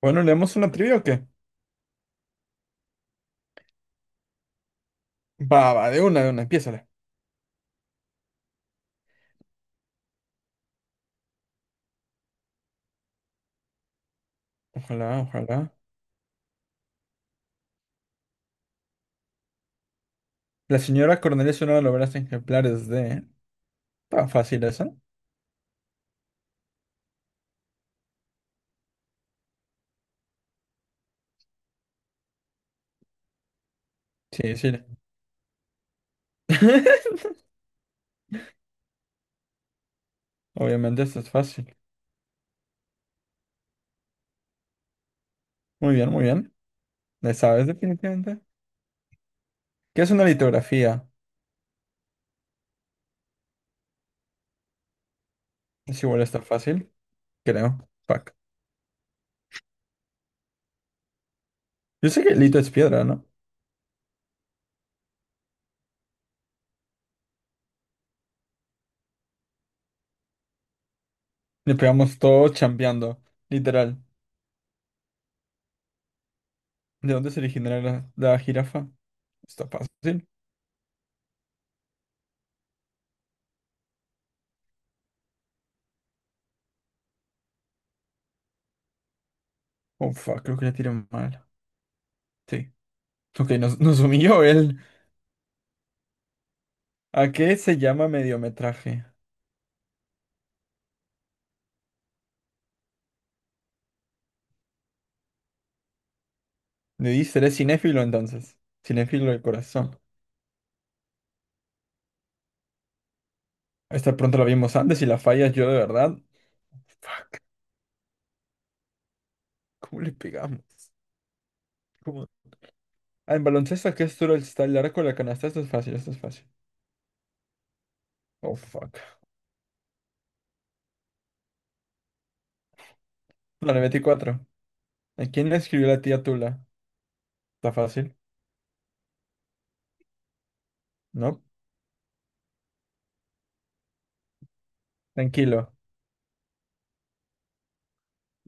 Bueno, ¿leemos una trivia o qué? Va, va, de una, empiézale. Ojalá, ojalá. La señora Cornelia es una de las obras ejemplares de. Está fácil esa. Sí, sí. Obviamente esto es fácil. Muy bien, muy bien. ¿Le sabes definitivamente? ¿Qué es una litografía? Es igual está fácil, creo. Fuck. Yo sé que lito es piedra, ¿no? Le pegamos todo chambeando. Literal. ¿De dónde se originará la jirafa? Está fácil. Oh, fuck, creo que la tiré mal. Sí. Ok, nos humilló él. ¿A qué se llama mediometraje? Me dice, eres cinéfilo entonces. Cinéfilo de corazón. Esta pronto la vimos antes y la fallas yo de verdad. Fuck, ¿cómo le pegamos? ¿Cómo? Ah, en baloncesto, ¿a ¿qué es duro está el arco de la canasta? Esto es fácil, esto es fácil. Oh, fuck. Bueno, la 24. ¿A quién le escribió la tía Tula? ¿Está fácil? ¿No? Tranquilo.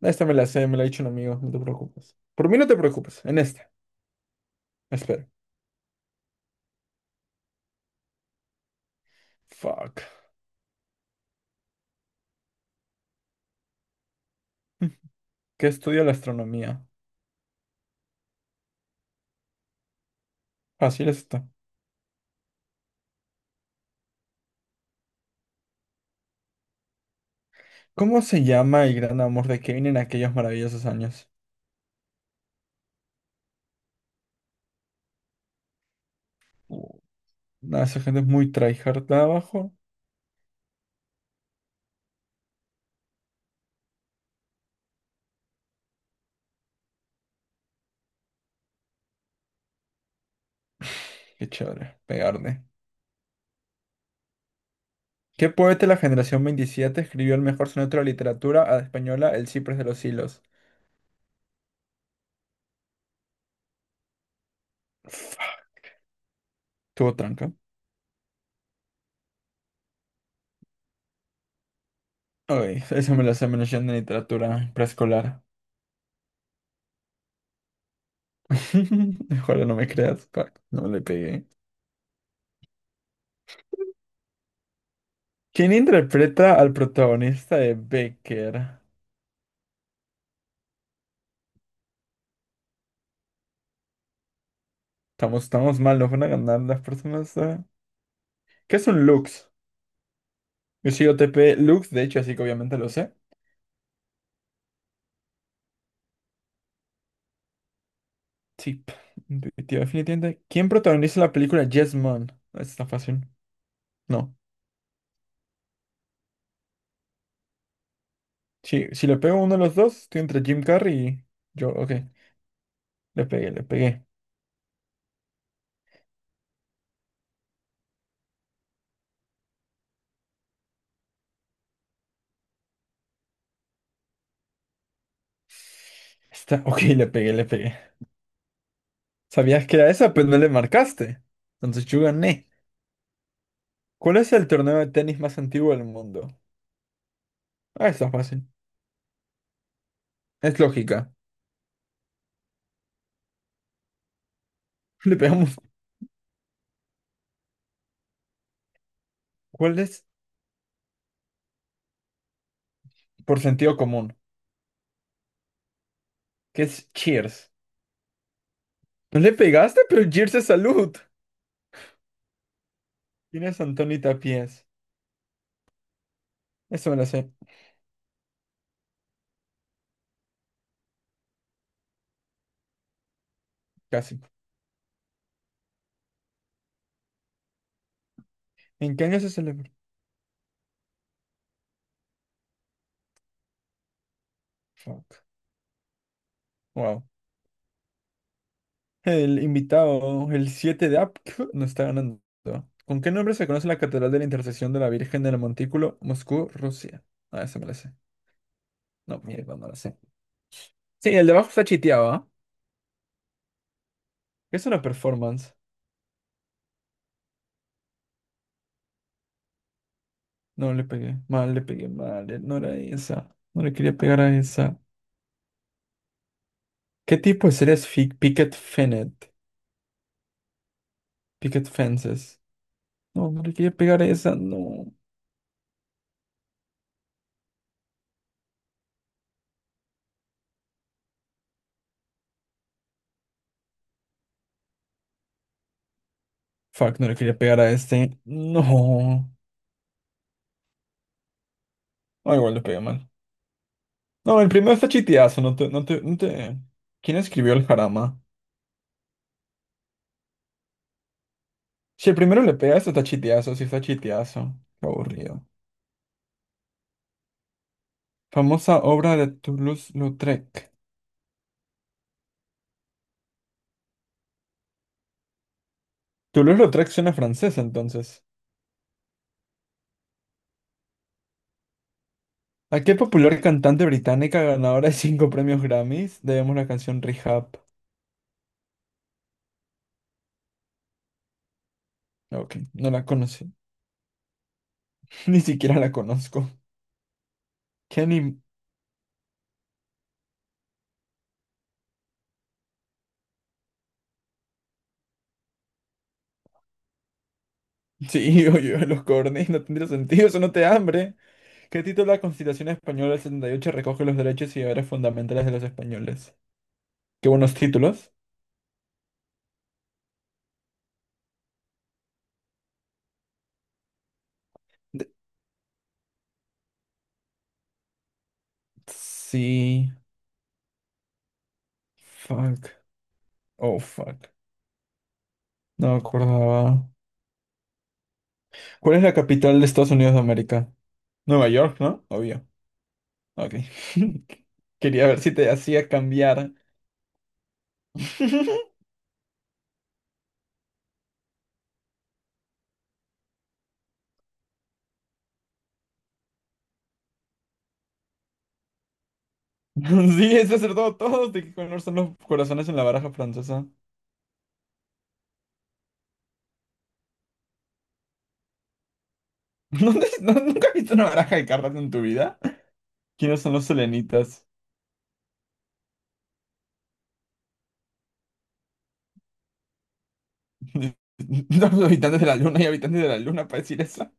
Esta me la sé, me la ha dicho un amigo, no te preocupes. Por mí no te preocupes, en esta. Espera. Fuck. ¿Qué estudia la astronomía? Fácil esto. ¿Cómo se llama el gran amor de Kevin en aquellos maravillosos años? Uh, Nada, esa gente es muy tryhard de abajo. Qué chévere, pegarle. ¿Qué poeta de la generación 27 escribió el mejor soneto de la literatura a la española, El Ciprés de los Hilos? Fuck, tuvo tranca. Ay, eso me lo hace menos en literatura preescolar. Ojalá no me creas. Fuck, no le pegué. ¿Quién interpreta al protagonista de Becker? Estamos, estamos mal, nos van a ganar las personas. ¿Qué es un Lux? Sí, OTP Lux, de hecho, así que obviamente lo sé. Sí, intuitivo, definitivamente. ¿Quién protagoniza la película Yes Man? Esta está fácil. No. Sí, si le pego a uno de los dos, estoy entre Jim Carrey y yo. Ok, le pegué, le pegué. Está, ok, le pegué, le pegué. Sabías que era esa, pero no le marcaste. Entonces yo gané. ¿Cuál es el torneo de tenis más antiguo del mundo? Ah, está fácil. Es lógica. Le pegamos. ¿Cuál es por sentido común? ¿Qué es Cheers? No le pegaste, pero Cheers es salud. ¿Quién es Antoni Tapies, eso me lo sé casi. ¿En qué año se celebró? Fuck. Wow. El invitado, el 7 de AP, no está ganando. ¿Con qué nombre se conoce la Catedral de la Intersección de la Virgen del Montículo, Moscú, Rusia? Ah, eso me lo sé. No, mierda, no lo sé. Sí, el de abajo está chiteado, ¿ah? Es una performance. No le pegué. Mal, le pegué mal. No era esa. No le quería pegar a esa. ¿Qué tipo de serie es Picket Fennet, Picket Fences. No, no le quería pegar a esa. No. Fuck, no le quería pegar a este. No. Ah, igual le pegué mal. No, el primero está chiteazo, no te, no te, no te. ¿Quién escribió el jarama? Si el primero le pegas, está chiteazo, sí está chiteazo. Qué aburrido. Famosa obra de Toulouse-Lautrec. Toulouse-Lautrec suena francés, entonces. ¿A qué popular cantante británica ganadora de cinco premios Grammys debemos la canción Rehab? Ah, ok, no la conocí. Ni siquiera la conozco. ¿Qué anim... Sí, oye, los cornes, no tendría sentido, eso no te da hambre. ¿Qué título de la Constitución Española del 78 recoge los derechos y deberes fundamentales de los españoles? Qué buenos títulos. De- Sí. Fuck. Oh, fuck. No me acordaba. ¿Cuál es la capital de Estados Unidos de América? Nueva York, ¿no? Obvio. Ok. Quería ver si te hacía cambiar. Sí, es acertado todos. ¿De qué color son los corazones en la baraja francesa? ¿Nunca has visto una baraja de cartas en tu vida? ¿Quiénes son los selenitas? Los habitantes de la luna y habitantes de la luna para decir eso.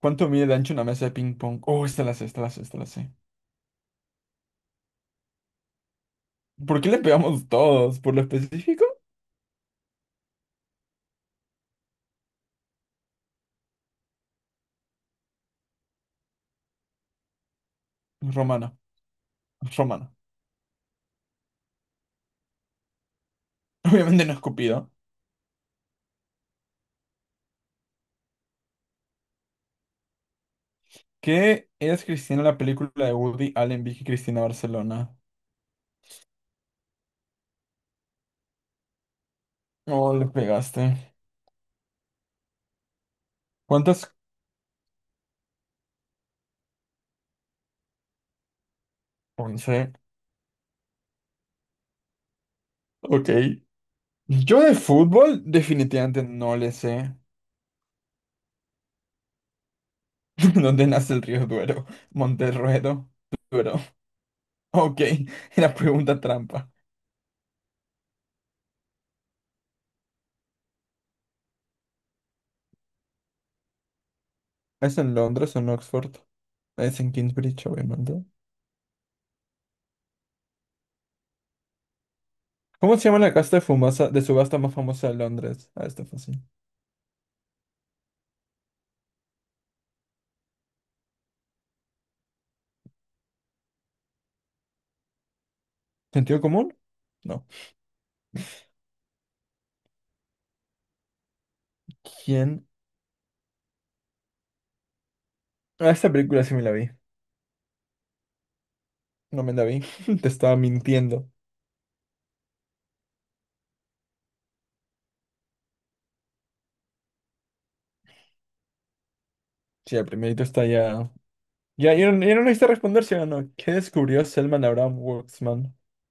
¿Cuánto mide de ancho una mesa de ping pong? Oh, esta la sé, esta la sé, esta la sé. ¿Por qué le pegamos todos? ¿Por lo específico? Romano. Romano. Obviamente no escupido. ¿Qué es Cristina la película de Woody Allen, Vicky Cristina Barcelona? Oh, le pegaste. ¿Cuántas? 11. Ok. Yo de fútbol definitivamente no le sé. ¿Dónde nace el río Duero? Monterruedo. Duero. Ok. Era pregunta trampa. ¿Es en Londres o en Oxford? Es en Kingsbridge, obviamente. ¿Cómo se llama la casa de subasta más famosa de Londres? Ah, está fácil. ¿Sentido común? No. ¿Quién? Ah, esta película sí me la vi. No me la vi. Te estaba mintiendo. Sí, el primerito está ya. Ya, ya, no ya no necesito responder si o no. ¿Qué descubrió Selman Abraham Waxman?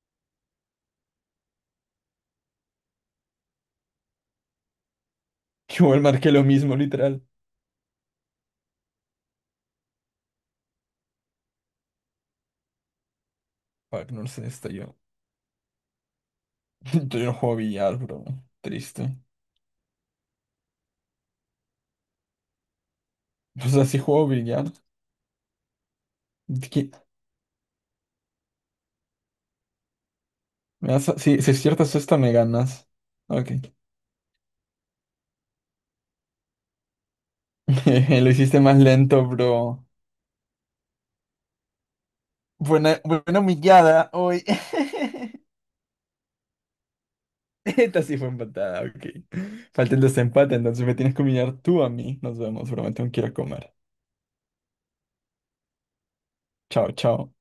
Que igual marqué lo mismo, literal. Fuck, no sé, está yo. Yo no juego billar, bro. Triste. O sea, si juego billar. ¿Qué? Si, si aciertas esta, me ganas. Ok. Lo hiciste más lento, bro. Buena, buena humillada hoy. Esta sí fue empatada, ok. Falta el desempate, entonces me tienes que humillar tú a mí. Nos vemos, bro. Me tengo que ir a comer. Chao, chao.